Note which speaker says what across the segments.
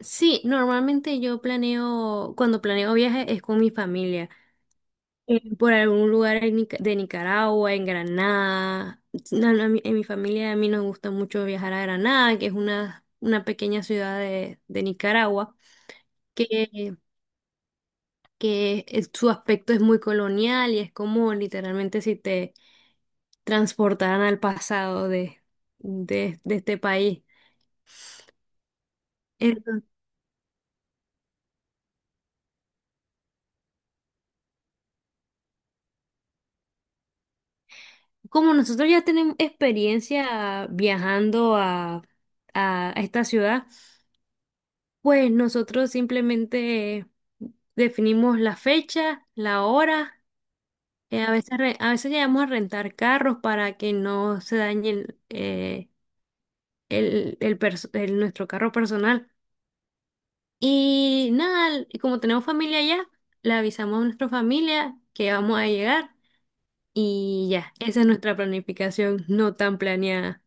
Speaker 1: Sí, normalmente yo planeo, cuando planeo viajes es con mi familia, por algún lugar en de Nicaragua, en Granada. No, no, en mi familia a mí nos gusta mucho viajar a Granada, que es una pequeña ciudad de Nicaragua, que, su aspecto es muy colonial y es como literalmente si te transportaran al pasado de este país. Como nosotros ya tenemos experiencia viajando a esta ciudad, pues nosotros simplemente definimos la fecha, la hora. A veces, a veces llegamos a rentar carros para que no se dañe nuestro carro personal. Y nada, y como tenemos familia allá, le avisamos a nuestra familia que vamos a llegar y ya, esa es nuestra planificación no tan planeada.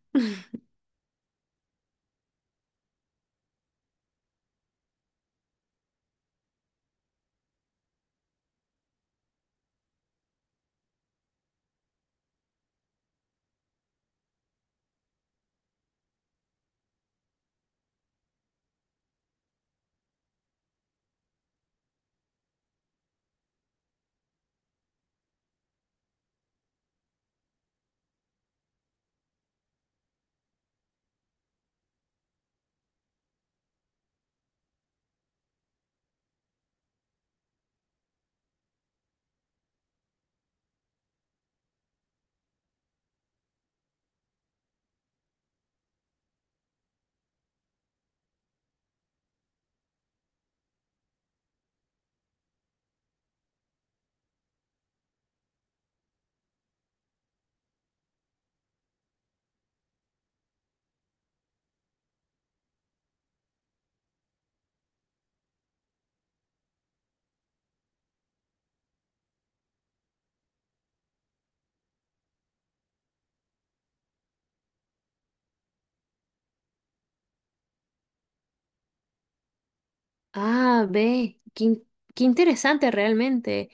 Speaker 1: Ah, ve, qué interesante realmente.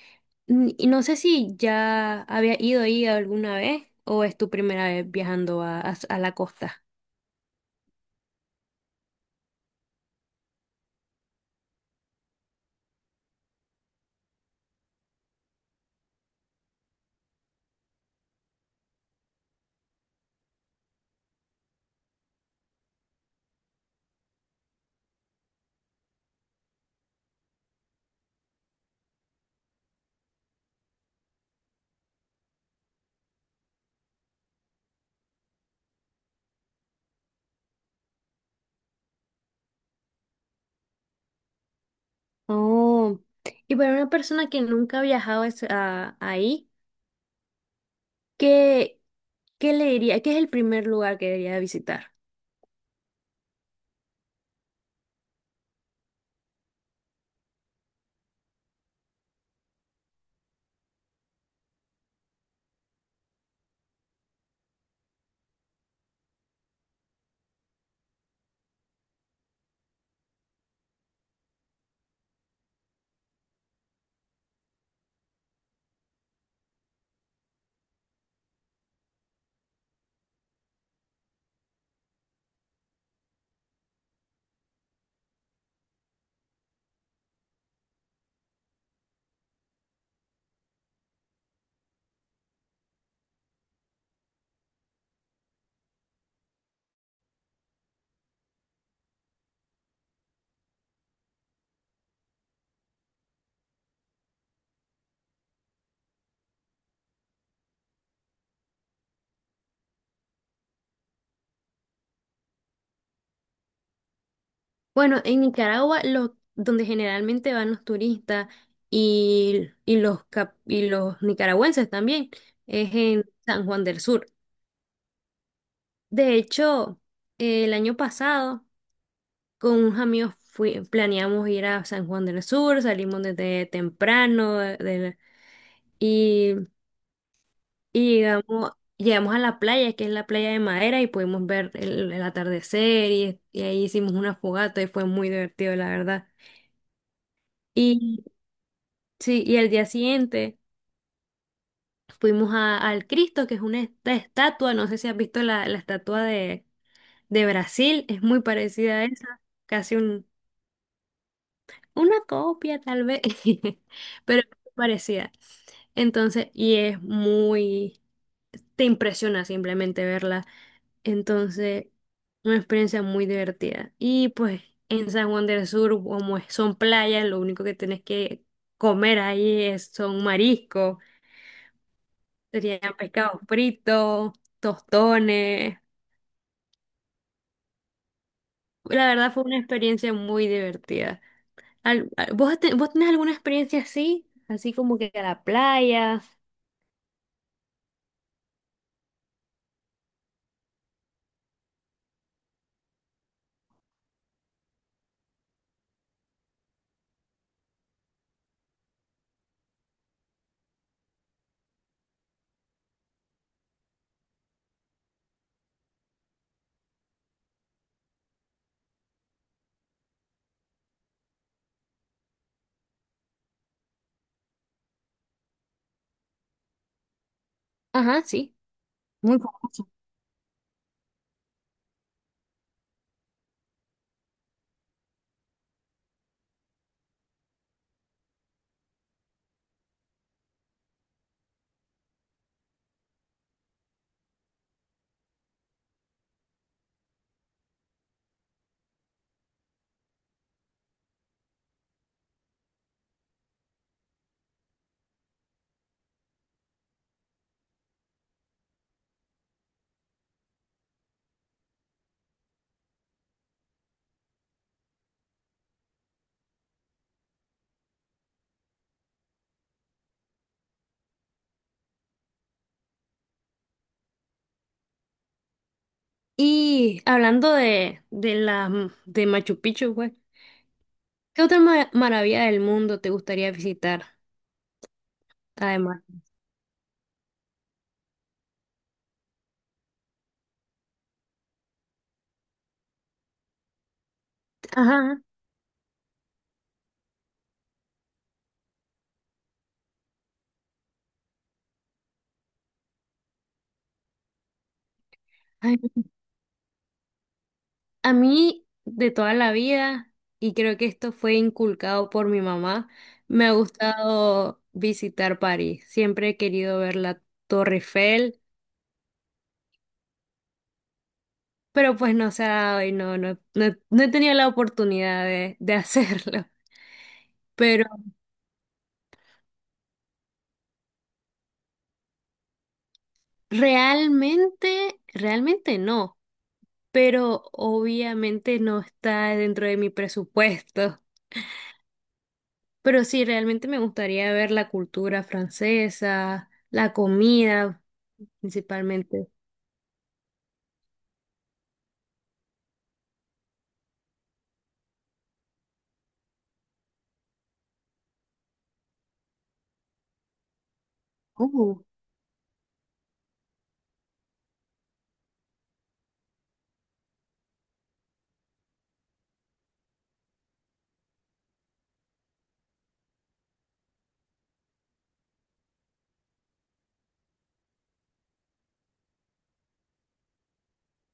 Speaker 1: Y no sé si ya había ido ahí alguna vez o es tu primera vez viajando a la costa. Oh, y para una persona que nunca ha viajado ahí, ¿qué, qué le diría? ¿Qué es el primer lugar que debería visitar? Bueno, en Nicaragua, donde generalmente van los turistas y y los nicaragüenses también, es en San Juan del Sur. De hecho, el año pasado con unos amigos planeamos ir a San Juan del Sur, salimos desde temprano y, y llegamos, llegamos a la playa, que es la playa de Madera, y pudimos ver el atardecer y ahí hicimos una fogata y fue muy divertido, la verdad. Y sí, y al día siguiente fuimos al Cristo, que es una estatua. No sé si has visto la estatua de Brasil, es muy parecida a esa, casi. Una copia, tal vez, pero parecida. Entonces, y es muy, te impresiona simplemente verla. Entonces, una experiencia muy divertida. Y pues en San Juan del Sur, como son playas, lo único que tienes que comer ahí es, son mariscos, serían pescados fritos, tostones. La verdad fue una experiencia muy divertida. ¿Vos, vos tenés alguna experiencia así? Así como que a la playa. Ajá, sí, muy famoso. Y hablando de la de Machu Picchu, güey, ¿qué otra maravilla del mundo te gustaría visitar? Además, ajá, ay, a mí de toda la vida, y creo que esto fue inculcado por mi mamá, me ha gustado visitar París. Siempre he querido ver la Torre Eiffel, pero pues no se ha dado y no he tenido la oportunidad de hacerlo. Pero realmente, realmente no, pero obviamente no está dentro de mi presupuesto. Pero sí, realmente me gustaría ver la cultura francesa, la comida principalmente. Oh.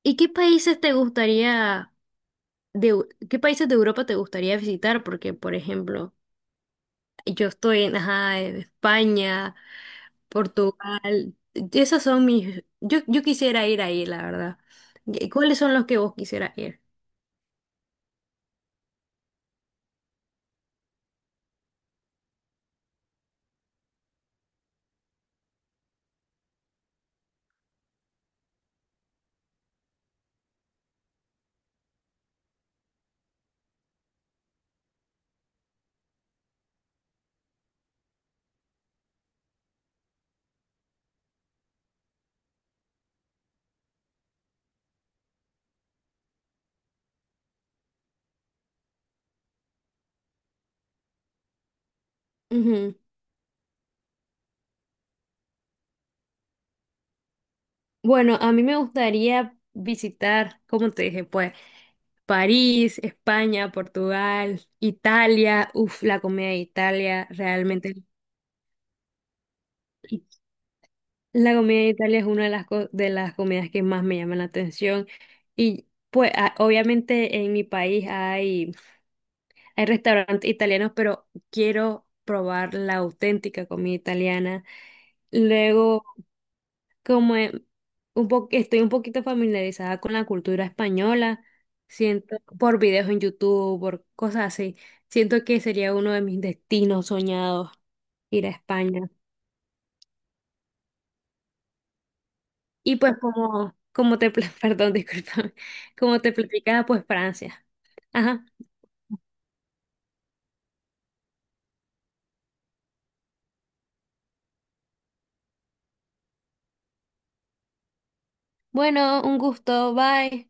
Speaker 1: ¿Y qué países te gustaría, qué países de Europa te gustaría visitar? Porque, por ejemplo, yo estoy en, ajá, en España, Portugal. Esas son mis... Yo, quisiera ir ahí, la verdad. ¿Y cuáles son los que vos quisieras ir? Ujú. Bueno, a mí me gustaría visitar, como te dije, pues, París, España, Portugal, Italia. Uf, la comida de Italia, realmente. La comida de Italia es una de de las comidas que más me llama la atención. Y pues, obviamente en mi país hay... Hay restaurantes italianos, pero quiero probar la auténtica comida italiana. Luego, como e- un po- estoy un poquito familiarizada con la cultura española, siento por videos en YouTube, por cosas así, siento que sería uno de mis destinos soñados ir a España. Y pues como, como te, perdón, disculpa, como te platicaba, pues Francia. Ajá. Bueno, un gusto, bye.